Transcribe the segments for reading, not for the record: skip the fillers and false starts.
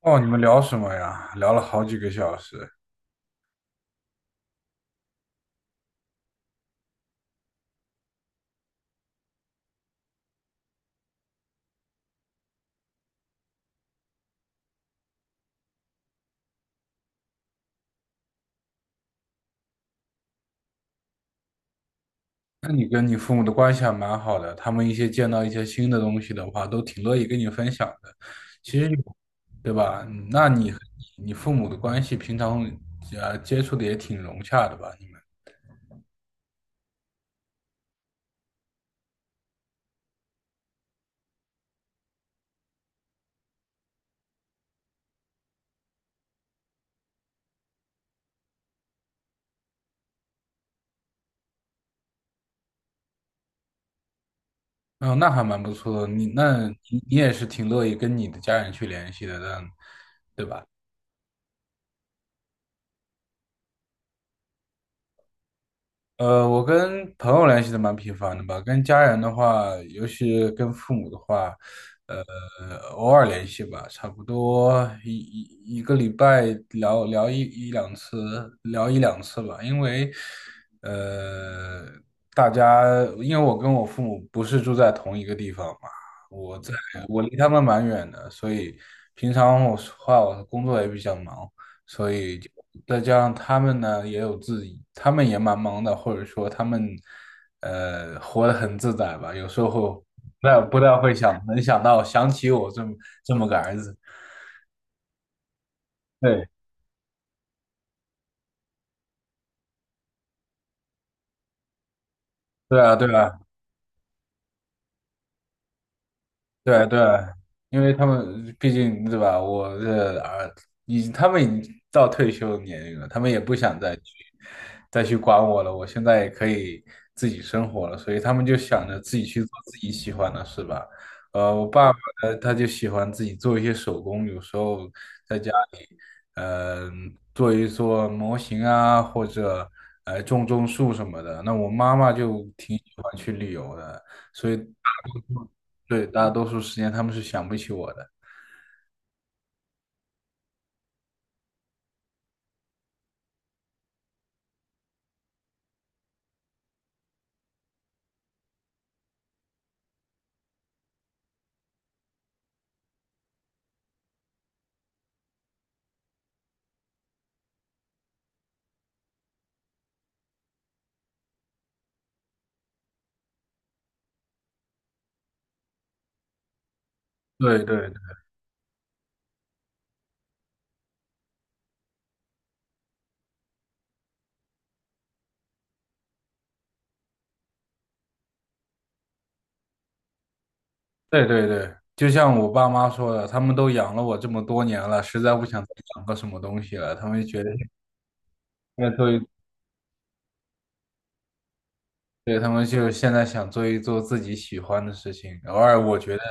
哦，你们聊什么呀？聊了好几个小时。那你跟你父母的关系还蛮好的，他们一些见到一些新的东西的话，都挺乐意跟你分享的。其实有，对吧？嗯，那你和你父母的关系平常接触的也挺融洽的吧？你们，嗯、那还蛮不错的。你那你也是挺乐意跟你的家人去联系的，但我跟朋友联系的蛮频繁的吧，跟家人的话，尤其跟父母的话，呃，偶尔联系吧，差不多一个礼拜聊聊一两次，聊一两次吧，因为，呃，大家因为我跟我父母不是住在同一个地方嘛，我在我离他们蛮远的，所以平常我说话我工作也比较忙。所以就再加上他们呢，也有自己，他们也蛮忙的，或者说他们活得很自在吧。有时候那不太会想，能想起我这么个儿子。对，对啊，对啊，对对，因为他们毕竟对吧，我的儿，他们已经到退休年龄了，他们也不想再去管我了。我现在也可以自己生活了，所以他们就想着自己去做自己喜欢的事吧。我爸爸呢，他就喜欢自己做一些手工，有时候在家里，呃，做一做模型啊，或者种种树什么的。那我妈妈就挺喜欢去旅游的。所以。对，大多数时间他们是想不起我的。对对对对对，就像我爸妈说的，他们都养了我这么多年了，实在不想再养个什么东西了，他们就觉得要做一，对，他们就现在想做一做自己喜欢的事情。偶尔我觉得，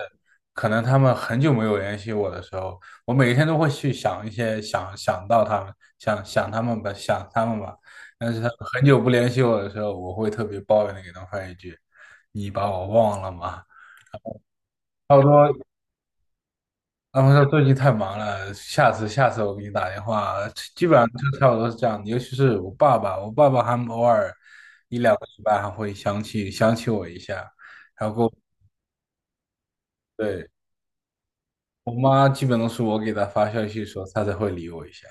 可能他们很久没有联系我的时候，我每天都会去想一些，想想到他们，想想他们吧，想他们吧。但是他们很久不联系我的时候，我会特别抱怨的给他们发一句："你把我忘了吗？"差不多他们说最近太忙了，下次下次我给你打电话。基本上就差不多是这样的，尤其是我爸爸，我爸爸还偶尔一两个礼拜还会想起我一下，然后，对，我妈基本都是我给她发消息的时候，她才会理我一下。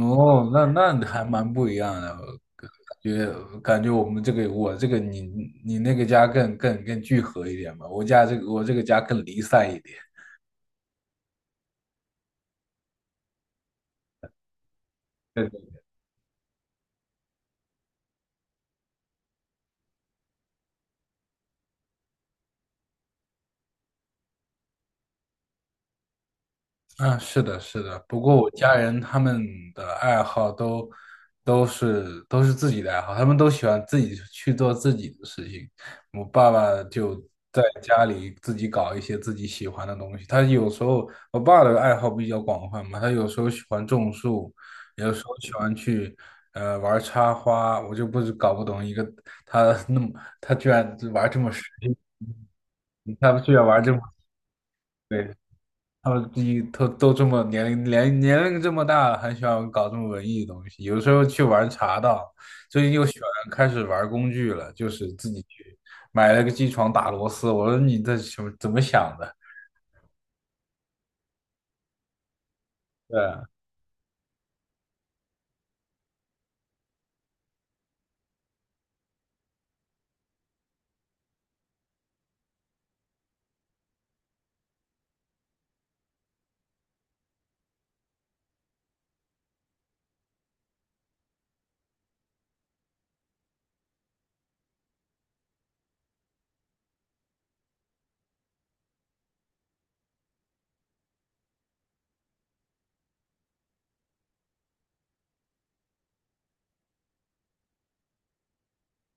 哦，那还蛮不一样的，感觉我们这个我这个你那个家更聚合一点吧，我这个家更离散一点。嗯，是的，是的。不过我家人他们的爱好都是自己的爱好，他们都喜欢自己去做自己的事情。我爸爸就在家里自己搞一些自己喜欢的东西。他有时候，我爸的爱好比较广泛嘛，他有时候喜欢种树，有时候喜欢去玩插花。我就不是搞不懂一个他 那么他居然玩这么深，他居然玩这么对。他们都这么年龄这么大了，还喜欢搞这么文艺的东西。有时候去玩茶道，最近又喜欢开始玩工具了，就是自己去买了个机床打螺丝。我说你这什么怎么想的？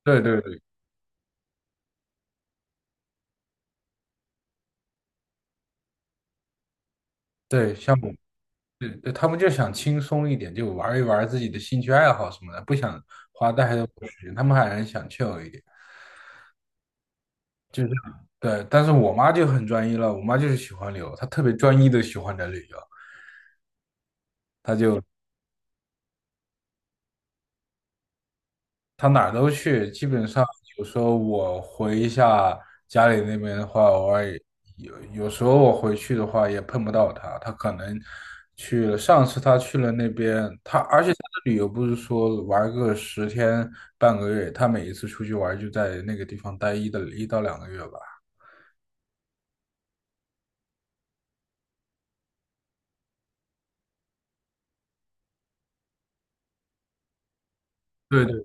对对对对，对对，他们就想轻松一点，就玩一玩自己的兴趣爱好什么的，不想花太多时间。他们还是想 c h 一点，就是对。但是我妈就很专一了，我妈就是喜欢旅游，她特别专一的喜欢着旅游，她就。他哪儿都去，基本上有时候我回一下家里那边的话，偶尔也有时候我回去的话也碰不到他，他可能去了。上次他去了那边，他而且他的旅游不是说玩个十天半个月，他每一次出去玩就在那个地方待一到两个月吧。对对，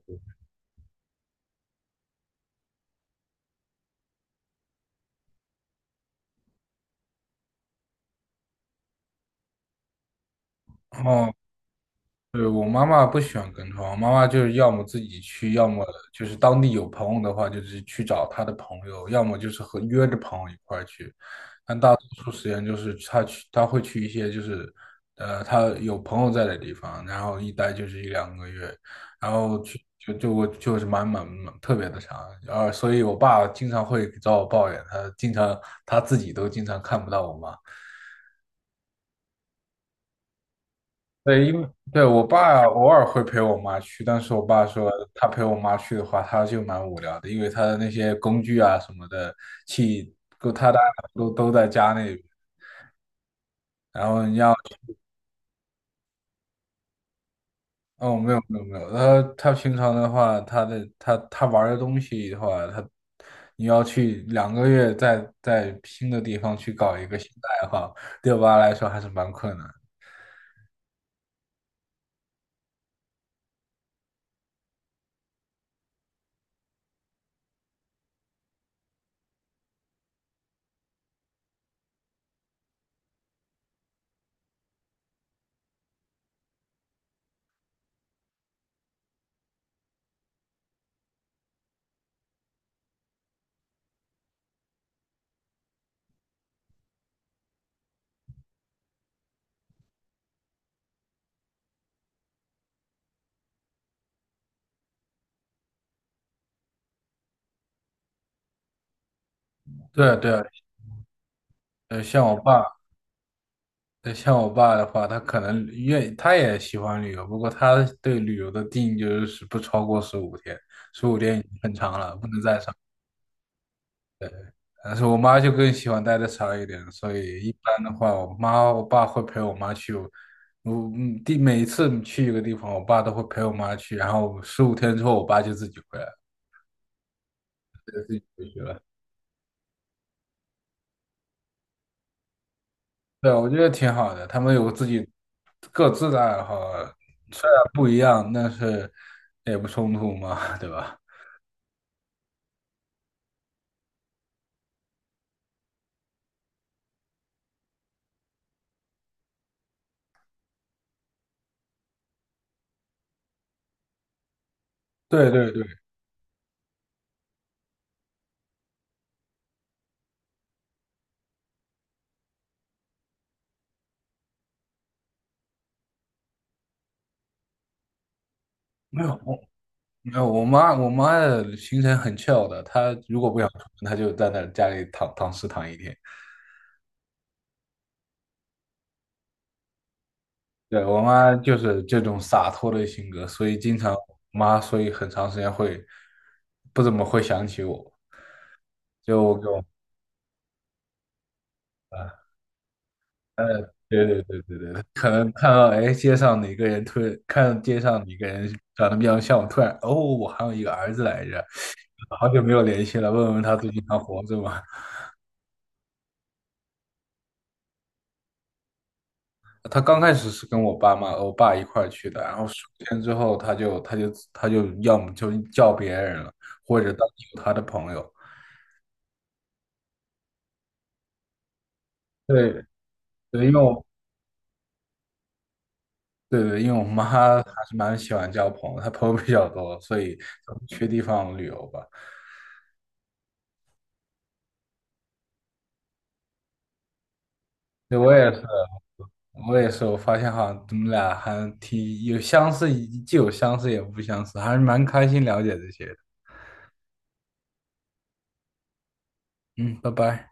哦，对，我妈妈不喜欢跟团，我妈妈就是要么自己去，要么就是当地有朋友的话，就是去找她的朋友，要么就是和约着朋友一块儿去。但大多数时间就是她去，她会去一些就是，她有朋友在的地方，然后一待就是一两个月，然后去就就我就是蛮特别的长，然后所以我爸经常会找我抱怨，他自己都经常看不到我妈。对，因为，对，我爸偶尔会陪我妈去，但是我爸说他陪我妈去的话，他就蛮无聊的，因为他的那些工具啊什么的器都他大都在家那边，然后你要哦，没有没有没有，他平常的话，他玩的东西的话，你要去两个月在新的地方去搞一个新的爱好，对我爸来说还是蛮困难的。对对，像我爸。对，像我爸的话，他可能他也喜欢旅游，不过他对旅游的定义就是不超过十五天，十五天已经很长了，不能再长。但是我妈就更喜欢待的长一点，所以一般的话，我爸会陪我妈去，我每一次去一个地方，我爸都会陪我妈去，然后十五天之后，我爸就自己回来了。对，我觉得挺好的，他们有自己各自的爱好，虽然不一样，但是也不冲突嘛，对吧？对对对。没有，我没有，我妈的行程很 c 的，她如果不想出门，她就在那家里躺尸躺一天。对，我妈就是这种洒脱的性格，所以经常我妈，所以很长时间会不怎么会想起我。就我跟我啊，呃，对对对对对，可能看到哎街上哪个人突然看到街上哪个人长得比较像我，突然哦，我还有一个儿子来着，好久没有联系了，问问他最近还活着吗？他刚开始是跟我爸妈、我爸一块儿去的，然后十天之后他就要么就叫别人了，或者当地有他的朋友。对对，因为我对对，因为我妈还是蛮喜欢交朋友，她朋友比较多，所以去地方旅游吧。对，我也是，我也是，我发现好像我们俩还挺有相似，既有相似也不相似，还是蛮开心了解这些的。嗯，拜拜。